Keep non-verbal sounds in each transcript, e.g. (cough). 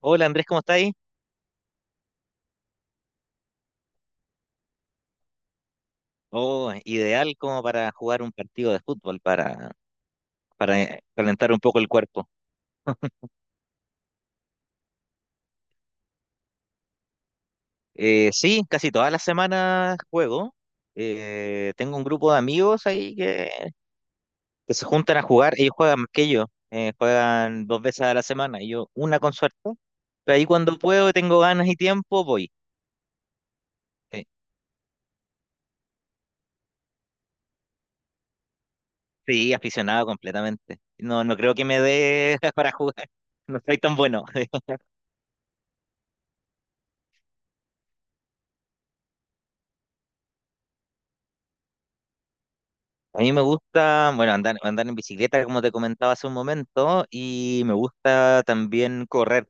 Hola Andrés, ¿cómo estáis? Oh, ideal como para jugar un partido de fútbol, para calentar un poco el cuerpo. Sí, casi todas las semanas juego. Tengo un grupo de amigos ahí que se juntan a jugar. Ellos juegan más que yo. Juegan dos veces a la semana y yo una con suerte. Pero ahí cuando puedo, tengo ganas y tiempo, voy. Eh, Sí, aficionado completamente. No, no creo que me dé (laughs) para jugar. No soy tan bueno. A mí me gusta, bueno, andar en bicicleta, como te comentaba hace un momento, y me gusta también correr.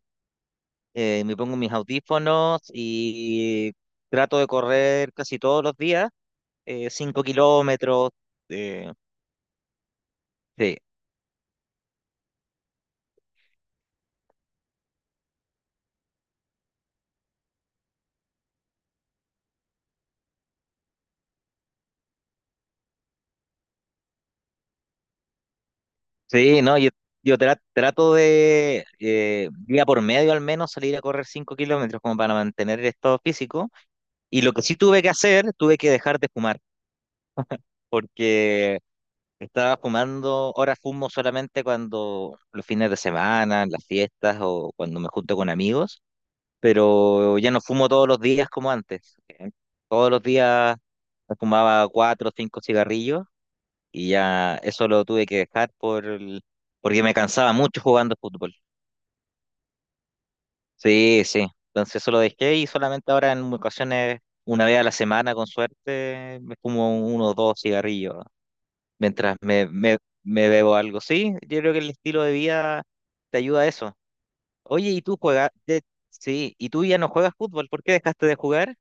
Me pongo mis audífonos y trato de correr casi todos los días, 5 kilómetros. eh, sí, sí, no, yo trato de día por medio al menos salir a correr 5 kilómetros como para mantener el estado físico. Y lo que sí tuve que hacer, tuve que dejar de fumar. Porque estaba fumando, ahora fumo solamente cuando los fines de semana, en las fiestas o cuando me junto con amigos, pero ya no fumo todos los días como antes. ¿Eh? Todos los días me fumaba cuatro o cinco cigarrillos y ya eso lo tuve que dejar por porque me cansaba mucho jugando fútbol. Sí, sí. Entonces eso lo dejé y solamente ahora en ocasiones, una vez a la semana con suerte, me fumo uno o dos cigarrillos. Mientras me bebo algo. Sí, yo creo que el estilo de vida te ayuda a eso. Oye, ¿y tú juegas? Sí, ¿y tú ya no juegas fútbol? ¿Por qué dejaste de jugar?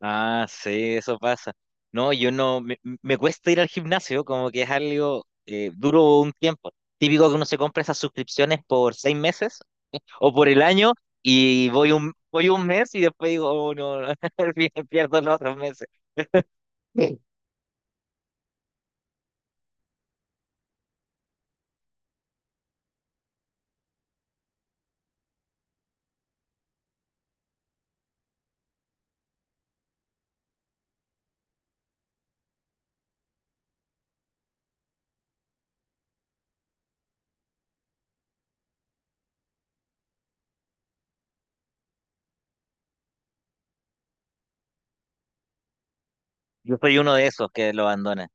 Ah, sí, eso pasa. No, yo no, me cuesta ir al gimnasio, como que es algo duro un tiempo. Típico que uno se compra esas suscripciones por seis meses o por el año y voy un mes y después digo, oh, no, (laughs) pierdo los otros meses. Yo soy uno de esos que lo abandona.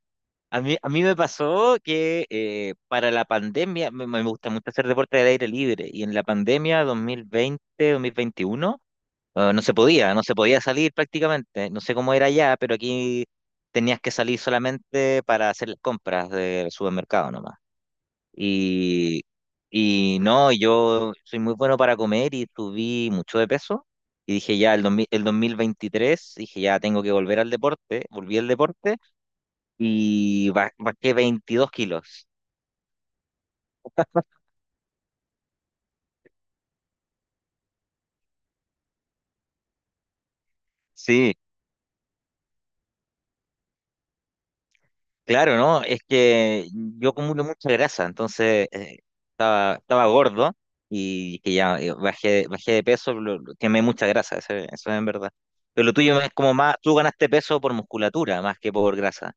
A mí me pasó que para la pandemia, me gusta mucho hacer deporte al aire libre, y en la pandemia 2020, 2021, no se podía, no se podía salir prácticamente. No sé cómo era allá, pero aquí tenías que salir solamente para hacer las compras del supermercado nomás. Y, y no, yo soy muy bueno para comer y subí mucho de peso. Y dije ya, el 2023 dije ya, tengo que volver al deporte, volví al deporte y bajé 22 kilos. (laughs) Sí, claro, ¿no? Es que yo acumulo mucha grasa, entonces estaba gordo y que ya bajé de peso, quemé mucha grasa, eso es en verdad. Pero lo tuyo es como más, tú ganaste peso por musculatura más que por grasa.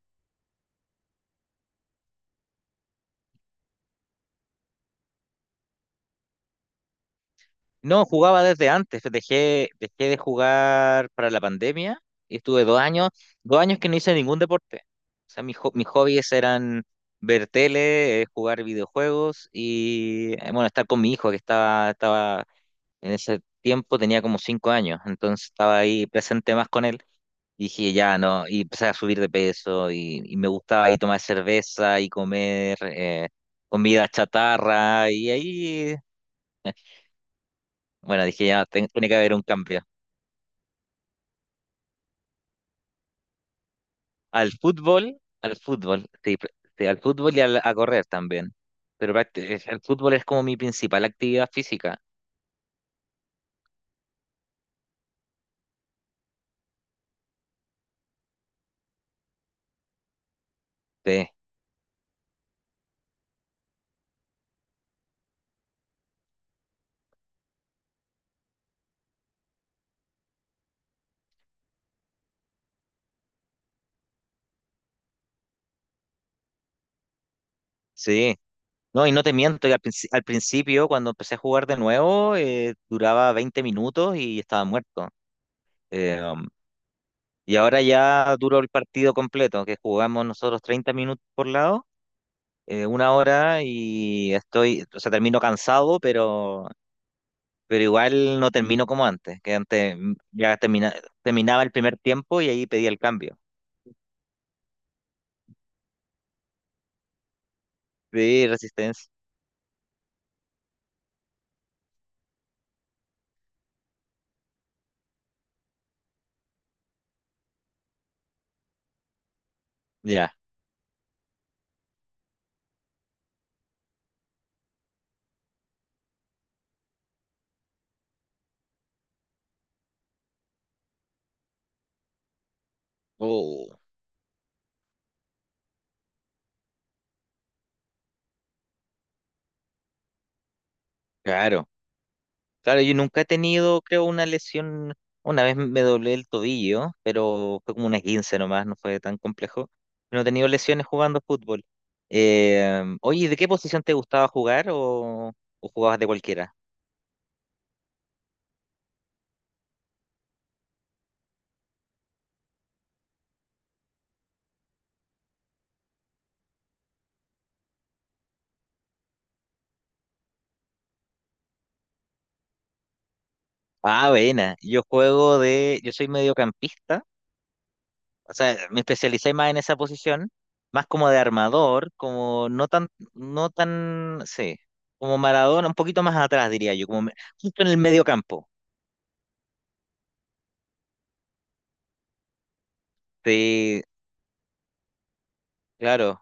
No, jugaba desde antes. Dejé de jugar para la pandemia y estuve dos años que no hice ningún deporte. O sea, mis hobbies eran ver tele, jugar videojuegos y, bueno, estar con mi hijo que estaba en ese tiempo, tenía como cinco años, entonces estaba ahí presente más con él. Y dije, ya, no, y empecé a subir de peso y me gustaba ahí tomar cerveza y comer comida chatarra y ahí... Bueno, dije ya, tiene que haber un cambio. Al fútbol, sí, sí, al fútbol y a correr también. Pero el fútbol es como mi principal actividad física. Sí, sí. No, y no te miento, y al principio, cuando empecé a jugar de nuevo, duraba 20 minutos y estaba muerto. Eh, um, y ahora ya duró el partido completo, que jugamos nosotros 30 minutos por lado, una hora, y estoy, o sea, termino cansado, pero igual no termino como antes, que antes ya terminaba el primer tiempo y ahí pedía el cambio. Sí, resistencia. Ya. Oh, claro. Claro, yo nunca he tenido, creo, una lesión. Una vez me doblé el tobillo, pero fue como una 15 nomás, no fue tan complejo. No he tenido lesiones jugando fútbol. Oye, ¿de qué posición te gustaba jugar o jugabas de cualquiera? Ah, buena. Yo juego de, yo soy mediocampista. O sea, me especialicé más en esa posición, más como de armador, como no tan, no tan, sí, como Maradona, un poquito más atrás, diría yo, justo en el medio campo. Sí, claro,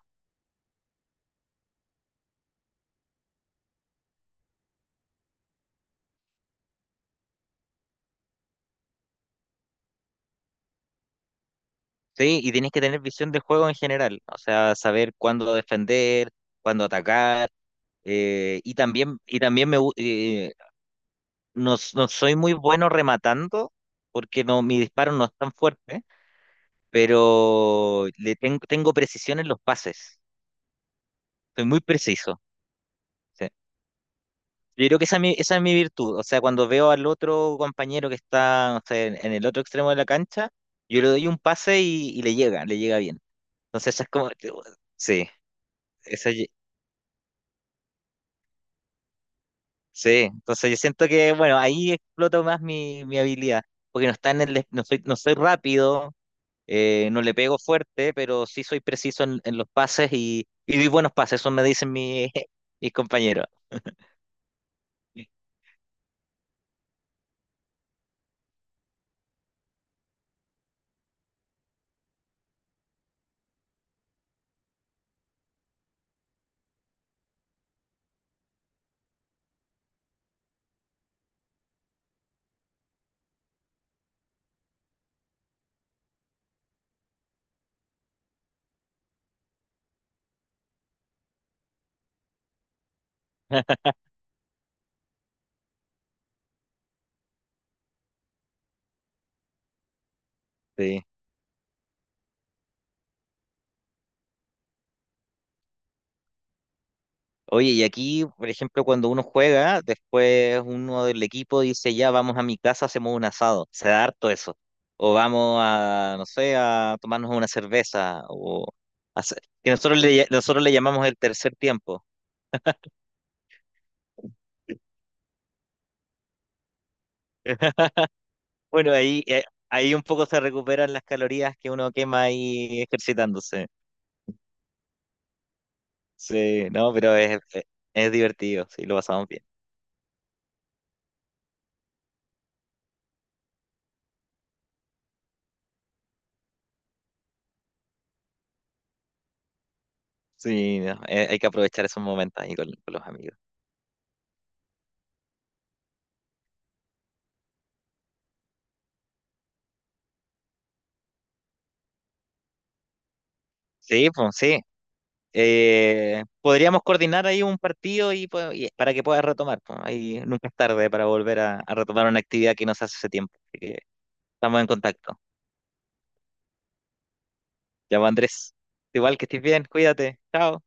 sí, y tienes que tener visión de juego en general, o sea, saber cuándo defender, cuándo atacar, y también no, no soy muy bueno rematando, porque no, mi disparo no es tan fuerte, pero tengo precisión en los pases, soy muy preciso. Sí. Yo creo que esa es mi virtud. O sea, cuando veo al otro compañero que está, no sé, en el otro extremo de la cancha, yo le doy un pase y le llega bien. Entonces, esa es como, sí, esa, ye- sí. Entonces, yo siento que, bueno, ahí exploto más mi, mi habilidad, porque no está en no soy, no soy rápido, no le pego fuerte, pero sí soy preciso en los pases y doy buenos pases, eso me dicen (laughs) mis compañeros. Sí. Oye, y aquí, por ejemplo, cuando uno juega, después uno del equipo dice, ya vamos a mi casa, hacemos un asado. Se da harto eso. O vamos a, no sé, a tomarnos una cerveza. O que nosotros nosotros le llamamos el tercer tiempo. Bueno, ahí, ahí un poco se recuperan las calorías que uno quema ahí ejercitándose. Sí, no, pero es divertido, sí, lo pasamos bien. Sí, no, hay que aprovechar esos momentos ahí con los amigos. Sí, pues sí. Podríamos coordinar ahí un partido y, y para que puedas retomar. Po. Ahí nunca es tarde para volver a retomar una actividad que nos hace hace tiempo. Así que estamos en contacto. Ya, pues, Andrés. Igual que estés bien, cuídate. Chao.